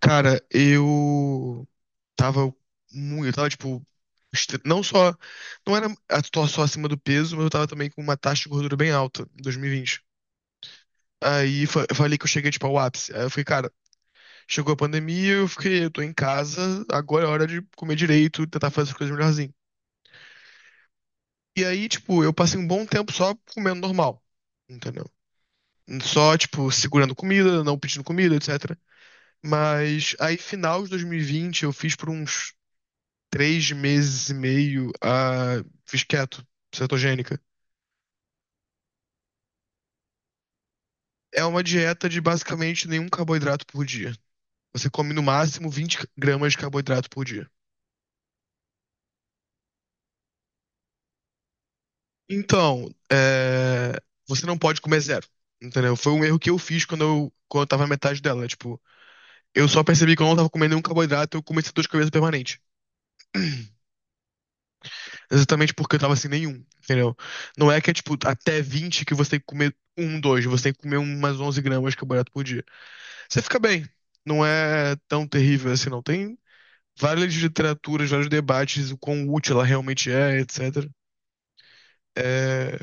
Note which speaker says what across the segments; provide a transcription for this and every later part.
Speaker 1: Cara, eu tava muito, eu tava tipo, estre- não só, não era a- tô só acima do peso, mas eu tava também com uma taxa de gordura bem alta em 2020. Eu falei que eu cheguei tipo ao ápice. Aí eu fiquei, cara, chegou a pandemia, eu fiquei, eu tô em casa, agora é hora de comer direito, tentar fazer as coisas melhorzinho. E aí, tipo, eu passei um bom tempo só comendo normal, entendeu? Só, tipo, segurando comida, não pedindo comida, etc. Mas aí, final de 2020, eu fiz por uns três meses e meio a. Fiz keto, cetogênica. É uma dieta de basicamente nenhum carboidrato por dia. Você come no máximo 20 gramas de carboidrato por dia. Então, é, você não pode comer zero. Entendeu? Foi um erro que eu fiz quando eu tava na metade dela. Tipo, eu só percebi que eu não tava comendo nenhum carboidrato, eu comecei dor de cabeça permanente. Exatamente porque eu tava sem nenhum, entendeu? Não é que é tipo até 20 que você tem que comer um, dois, você tem que comer umas 11 gramas de carboidrato por dia. Você fica bem. Não é tão terrível assim, não. Tem várias literaturas, vários debates, o quão útil ela realmente é, etc. É,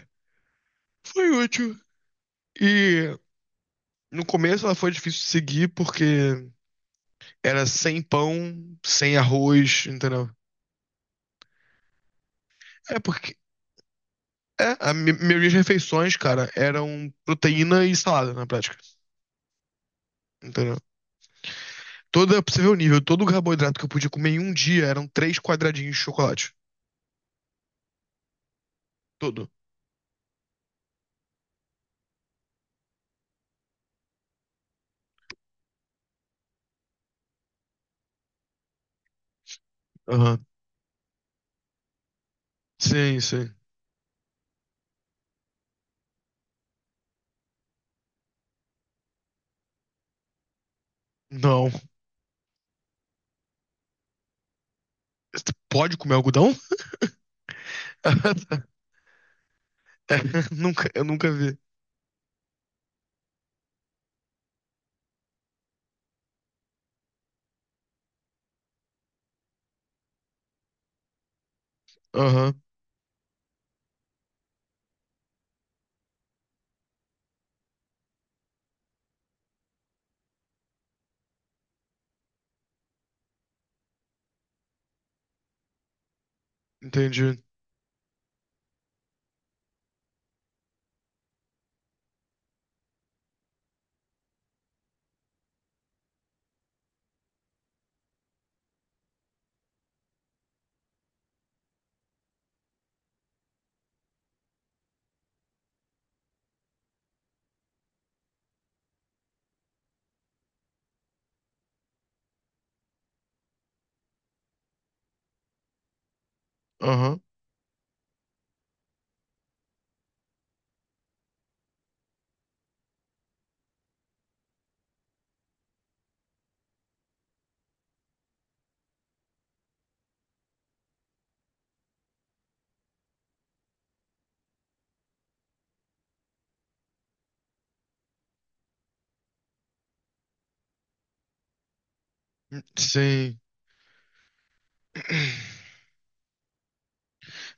Speaker 1: foi útil. E no começo ela foi difícil de seguir porque era sem pão, sem arroz, entendeu? É porque. É, a maioria das refeições, cara, eram proteína e salada na prática, entendeu? Toda, pra você ver o nível, todo o carboidrato que eu podia comer em um dia eram três quadradinhos de chocolate. Todo. Aham. Sim, sim. Não. Você pode comer algodão? É, nunca, eu nunca vi. Aham. Entendi. Aham. Sim.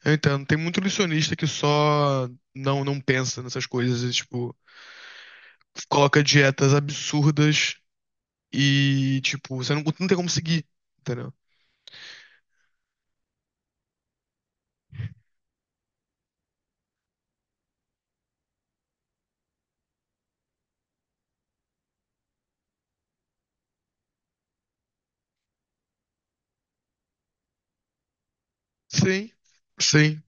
Speaker 1: Eu entendo. Tem muito nutricionista que só não pensa nessas coisas, e, tipo, coloca dietas absurdas e, tipo, você não tem como seguir, entendeu? Sim, sim.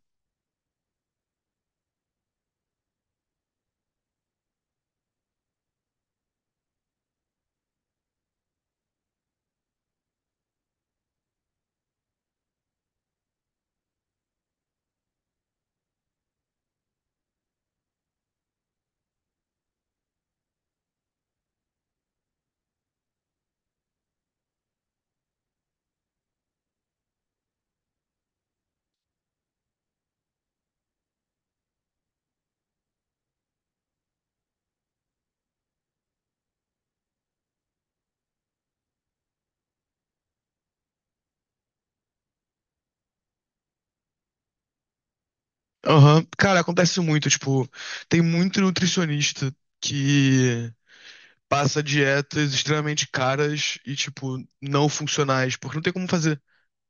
Speaker 1: Aham. Cara, acontece muito, tipo, tem muito nutricionista que passa dietas extremamente caras e, tipo, não funcionais, porque não tem como fazer,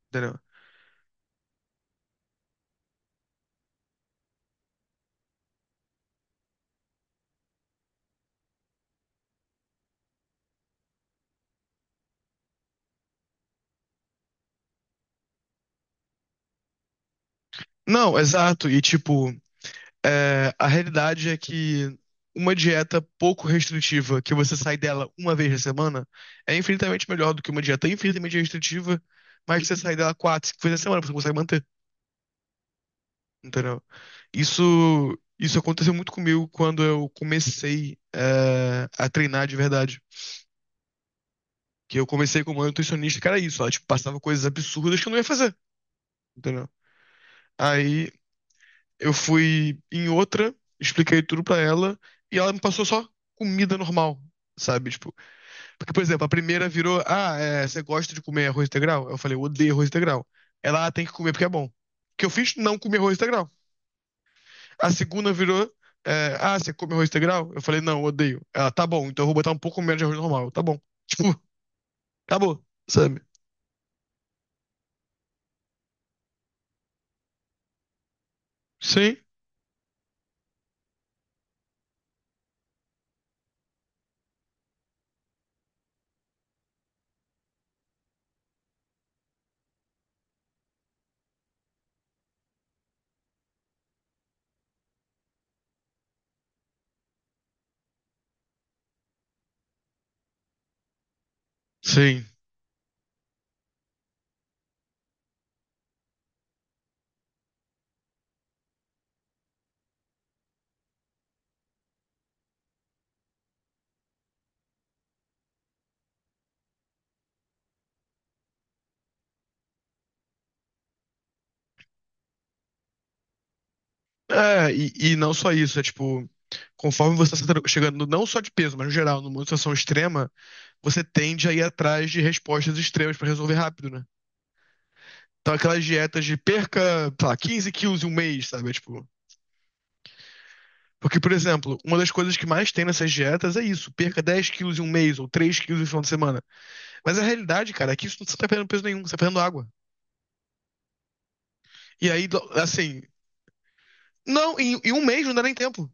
Speaker 1: entendeu? Não, exato. E, tipo, é, a realidade é que uma dieta pouco restritiva, que você sai dela uma vez na semana, é infinitamente melhor do que uma dieta infinitamente restritiva, mas que você sai dela quatro, cinco vezes na semana, você consegue manter. Entendeu? Isso, isso aconteceu muito comigo quando eu comecei a treinar de verdade. Que eu comecei como nutricionista, que era isso. Ela, tipo, passava coisas absurdas que eu não ia fazer. Entendeu? Aí eu fui em outra, expliquei tudo pra ela e ela me passou só comida normal, sabe? Tipo, porque, por exemplo, a primeira virou: Ah, é, você gosta de comer arroz integral? Eu falei: Eu odeio arroz integral. Ela ah, tem que comer porque é bom. O que eu fiz? Não comer arroz integral. A segunda virou. É, ah, você come arroz integral? Eu falei, não, eu odeio. Ela, tá bom, então eu vou botar um pouco menos de arroz normal. Tá bom. Tipo, acabou, sabe? Sim, sim. É, e não só isso, é tipo, conforme você está chegando, não só de peso, mas no geral, numa situação extrema, você tende a ir atrás de respostas extremas pra resolver rápido, né? Então, aquelas dietas de perca, sei lá, 15 quilos em um mês, sabe? É, tipo. Porque, por exemplo, uma das coisas que mais tem nessas dietas é isso: perca 10 quilos em um mês ou 3 quilos no final de semana. Mas a realidade, cara, é que isso não tá perdendo peso nenhum, você tá perdendo água. E aí, assim, não, em um mês não dá nem tempo.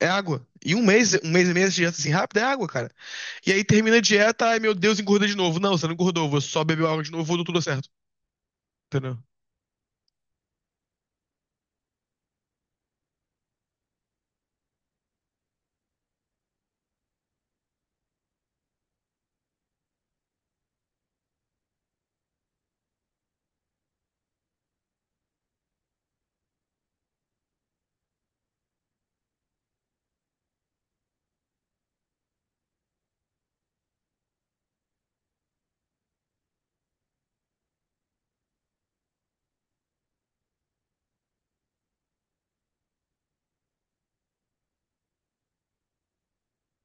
Speaker 1: É água. Em um mês e meio, essa dieta assim rápida é água, cara. E aí termina a dieta, ai meu Deus, engorda de novo. Não, você não engordou, você só bebeu água de novo, voltou tudo certo. Entendeu?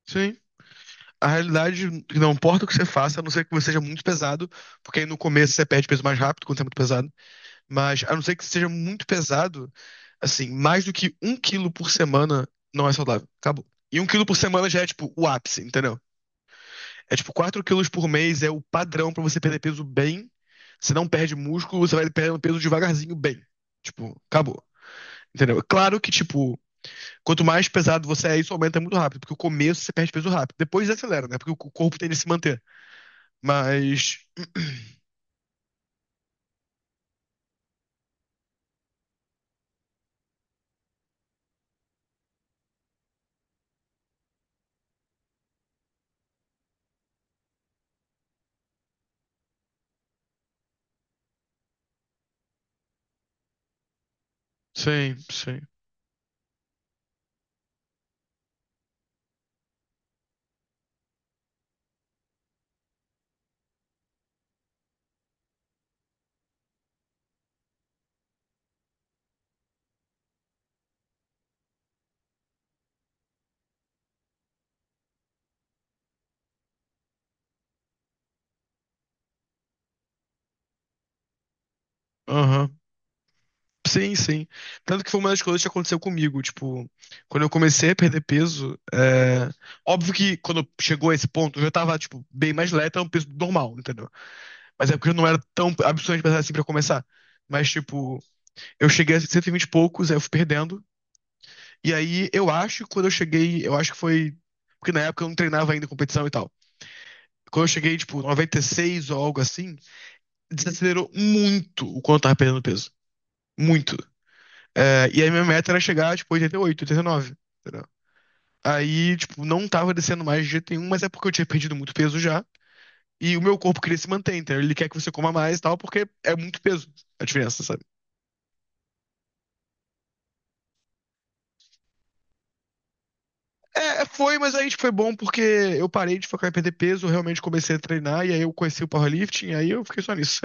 Speaker 1: Sim. A realidade, não importa o que você faça, a não ser que você seja muito pesado, porque aí no começo você perde peso mais rápido quando você é muito pesado. Mas a não ser que você seja muito pesado, assim, mais do que um quilo por semana não é saudável. Acabou. E um quilo por semana já é tipo o ápice, entendeu? É tipo 4 quilos por mês é o padrão pra você perder peso bem. Você não perde músculo, você vai perdendo peso devagarzinho bem. Tipo, acabou. Entendeu? É claro que, tipo, quanto mais pesado você é, isso aumenta muito rápido, porque o começo você perde peso rápido. Depois acelera, né? Porque o corpo tende a se manter. Mas. Sim, sim. Aham. Sim, sim. Tanto que foi uma das coisas que aconteceu comigo. Tipo, quando eu comecei a perder peso, é... óbvio que quando chegou a esse ponto, eu já tava, tipo, bem mais leve, era um peso normal, entendeu? Mas é porque eu não era tão absurdamente pesado assim pra começar. Mas, tipo, eu cheguei a 120 e vinte e poucos, aí eu fui perdendo. E aí, eu acho que quando eu cheguei, eu acho que foi. Porque na época eu não treinava ainda competição e tal. Quando eu cheguei, tipo, 96 ou algo assim, desacelerou muito o quanto eu tava perdendo peso. Muito. É, e aí, minha meta era chegar, tipo, 88, 89. Entendeu? Aí, tipo, não tava descendo mais de jeito nenhum, mas é porque eu tinha perdido muito peso já. E o meu corpo queria se manter, entendeu? Ele quer que você coma mais e tal, porque é muito peso a diferença, sabe? É, foi, mas aí tipo, foi bom porque eu parei de focar em perder peso, realmente comecei a treinar, e aí eu conheci o powerlifting, aí eu fiquei só nisso.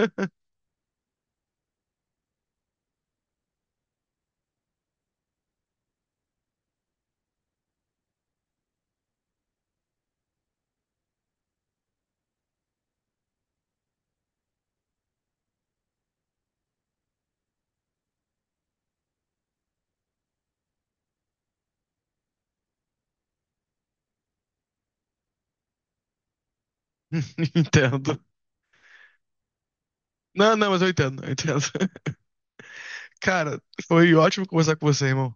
Speaker 1: Entendo. Não, não, mas eu entendo, eu entendo. Cara, foi ótimo conversar com você, irmão.